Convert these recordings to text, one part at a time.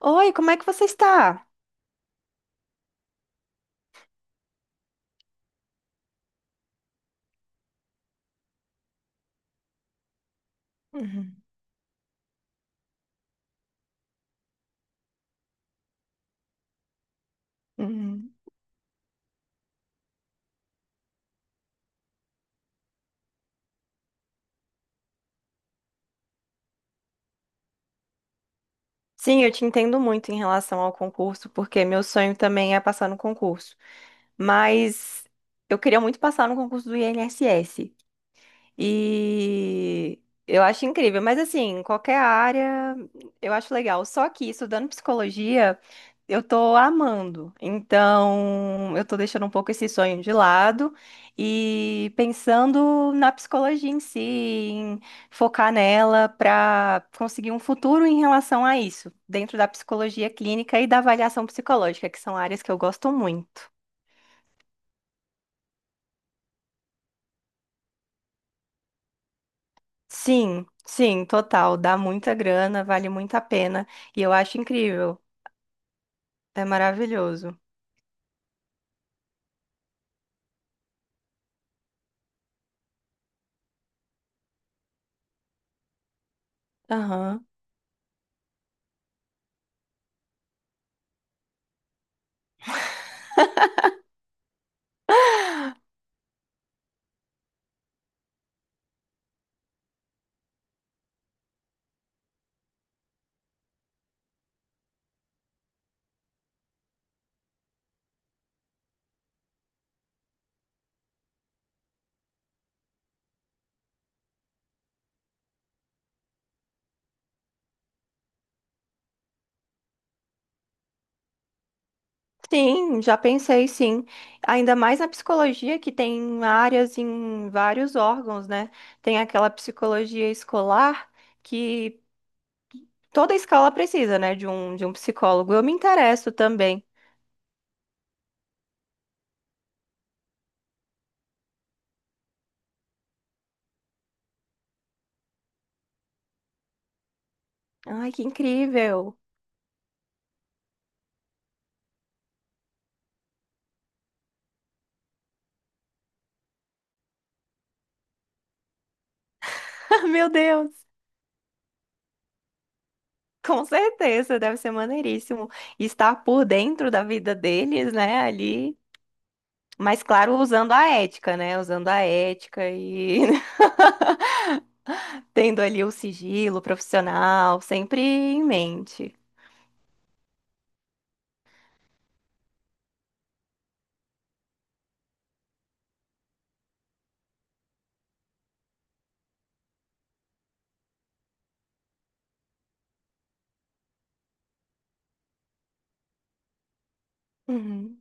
Oi, como é que você está? Uhum, uhum. Sim, eu te entendo muito em relação ao concurso, porque meu sonho também é passar no concurso. Mas eu queria muito passar no concurso do INSS. E eu acho incrível, mas assim, em qualquer área eu acho legal. Só que estudando psicologia, eu tô amando. Então, eu tô deixando um pouco esse sonho de lado e pensando na psicologia em si, em focar nela para conseguir um futuro em relação a isso, dentro da psicologia clínica e da avaliação psicológica, que são áreas que eu gosto muito. Sim, sim, total. Dá muita grana, vale muito a pena. E eu acho incrível. É maravilhoso. Aham. Sim, já pensei, sim. Ainda mais na psicologia, que tem áreas em vários órgãos, né? Tem aquela psicologia escolar que toda escola precisa, né? De um psicólogo. Eu me interesso também. Ai, que incrível! Meu Deus! Com certeza, deve ser maneiríssimo estar por dentro da vida deles, né? Ali. Mas, claro, usando a ética, né? Usando a ética e tendo ali o sigilo profissional sempre em mente. Uhum.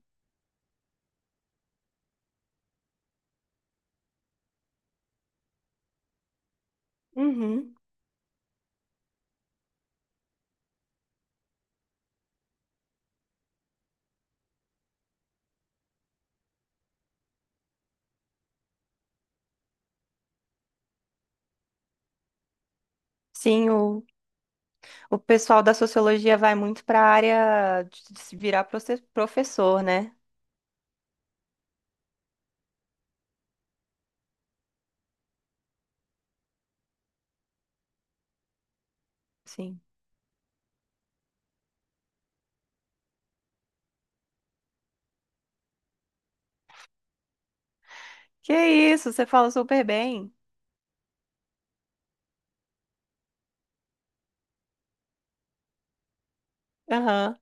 Uhum. Sim, o pessoal da sociologia vai muito para a área de se virar professor, né? Sim. Que isso, você fala super bem. Aham.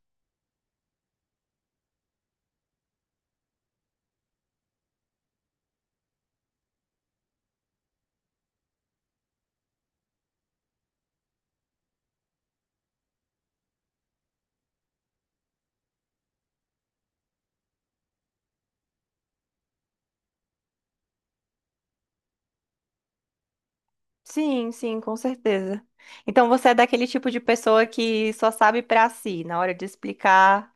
Sim, sim, com certeza. Então você é daquele tipo de pessoa que só sabe para si, na hora de explicar,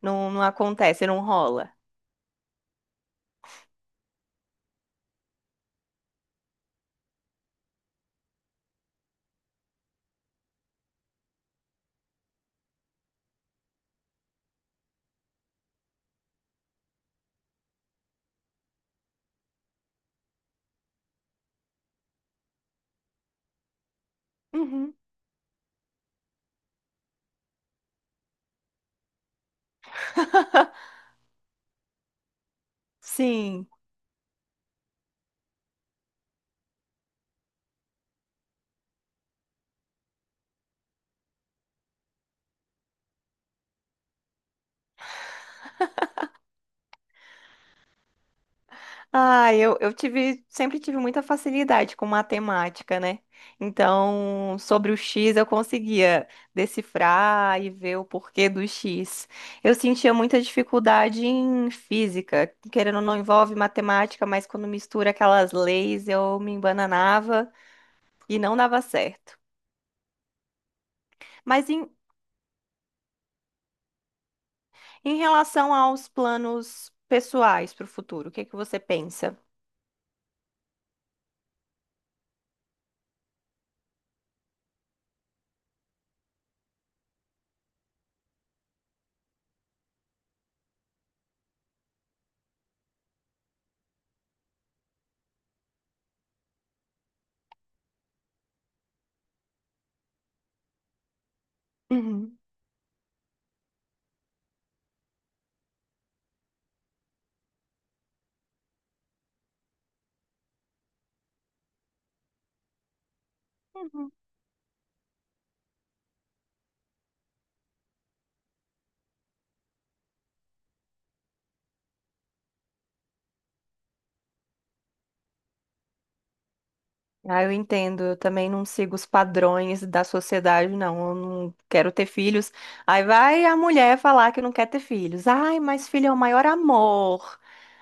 não, não acontece, não rola. Uhum. Sim. Ah, eu tive, sempre tive muita facilidade com matemática, né? Então, sobre o X eu conseguia decifrar e ver o porquê do X. Eu sentia muita dificuldade em física, querendo ou não envolve matemática, mas quando mistura aquelas leis eu me embananava e não dava certo. Mas em relação aos planos pessoais para o futuro, o que que você pensa? Uhum. Ah, eu entendo. Eu também não sigo os padrões da sociedade, não. Eu não quero ter filhos. Aí vai a mulher falar que não quer ter filhos. Ai, mas filho é o maior amor.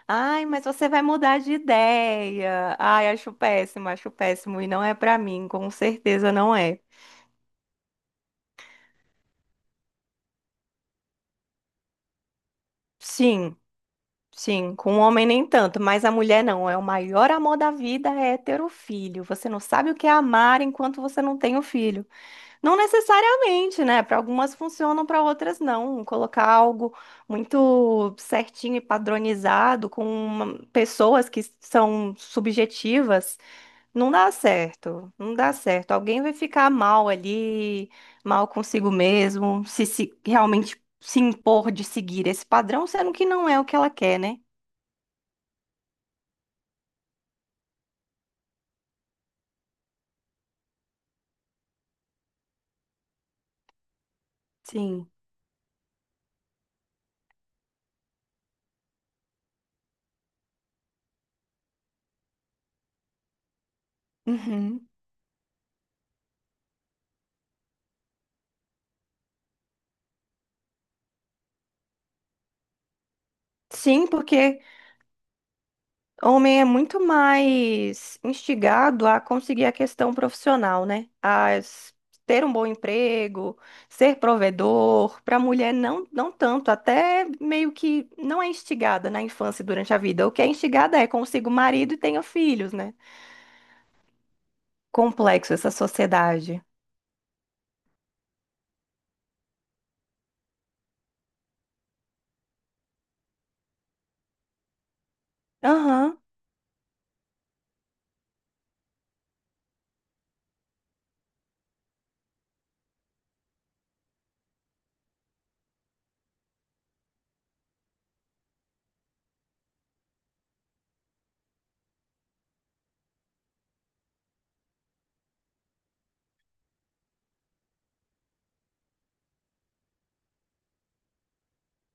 Ai, mas você vai mudar de ideia. Ai, acho péssimo, acho péssimo. E não é pra mim, com certeza não é. Sim, sim. Com o homem nem tanto, mas a mulher não. É o maior amor da vida é ter o filho. Você não sabe o que é amar enquanto você não tem o filho. Não necessariamente, né? Para algumas funcionam, para outras não. Colocar algo muito certinho e padronizado com uma- pessoas que são subjetivas não dá certo. Não dá certo. Alguém vai ficar mal ali, mal consigo mesmo, se realmente se impor de seguir esse padrão, sendo que não é o que ela quer, né? Sim. Uhum. Sim, porque homem é muito mais instigado a conseguir a questão profissional, né? Ter um bom emprego, ser provedor. Para a mulher, não, não tanto. Até meio que não é instigada na infância e durante a vida. O que é instigada é consiga o marido e tenha filhos, né? Complexo essa sociedade. Aham.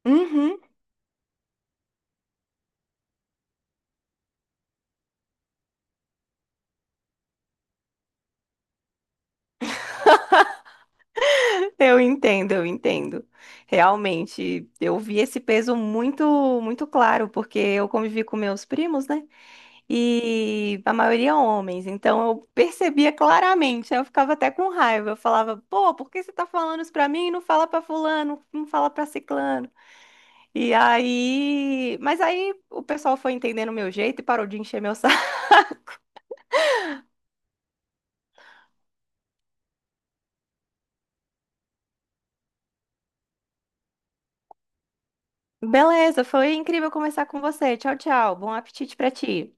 Uhum. Eu entendo, eu entendo. Realmente, eu vi esse peso muito, muito claro, porque eu convivi com meus primos, né? E a maioria homens. Então eu percebia claramente, aí eu ficava até com raiva. Eu falava, pô, por que você tá falando isso pra mim e não fala pra fulano, não fala pra ciclano? E aí, mas aí o pessoal foi entendendo o meu jeito e parou de encher meu saco. Beleza, foi incrível conversar com você. Tchau, tchau. Bom apetite pra ti.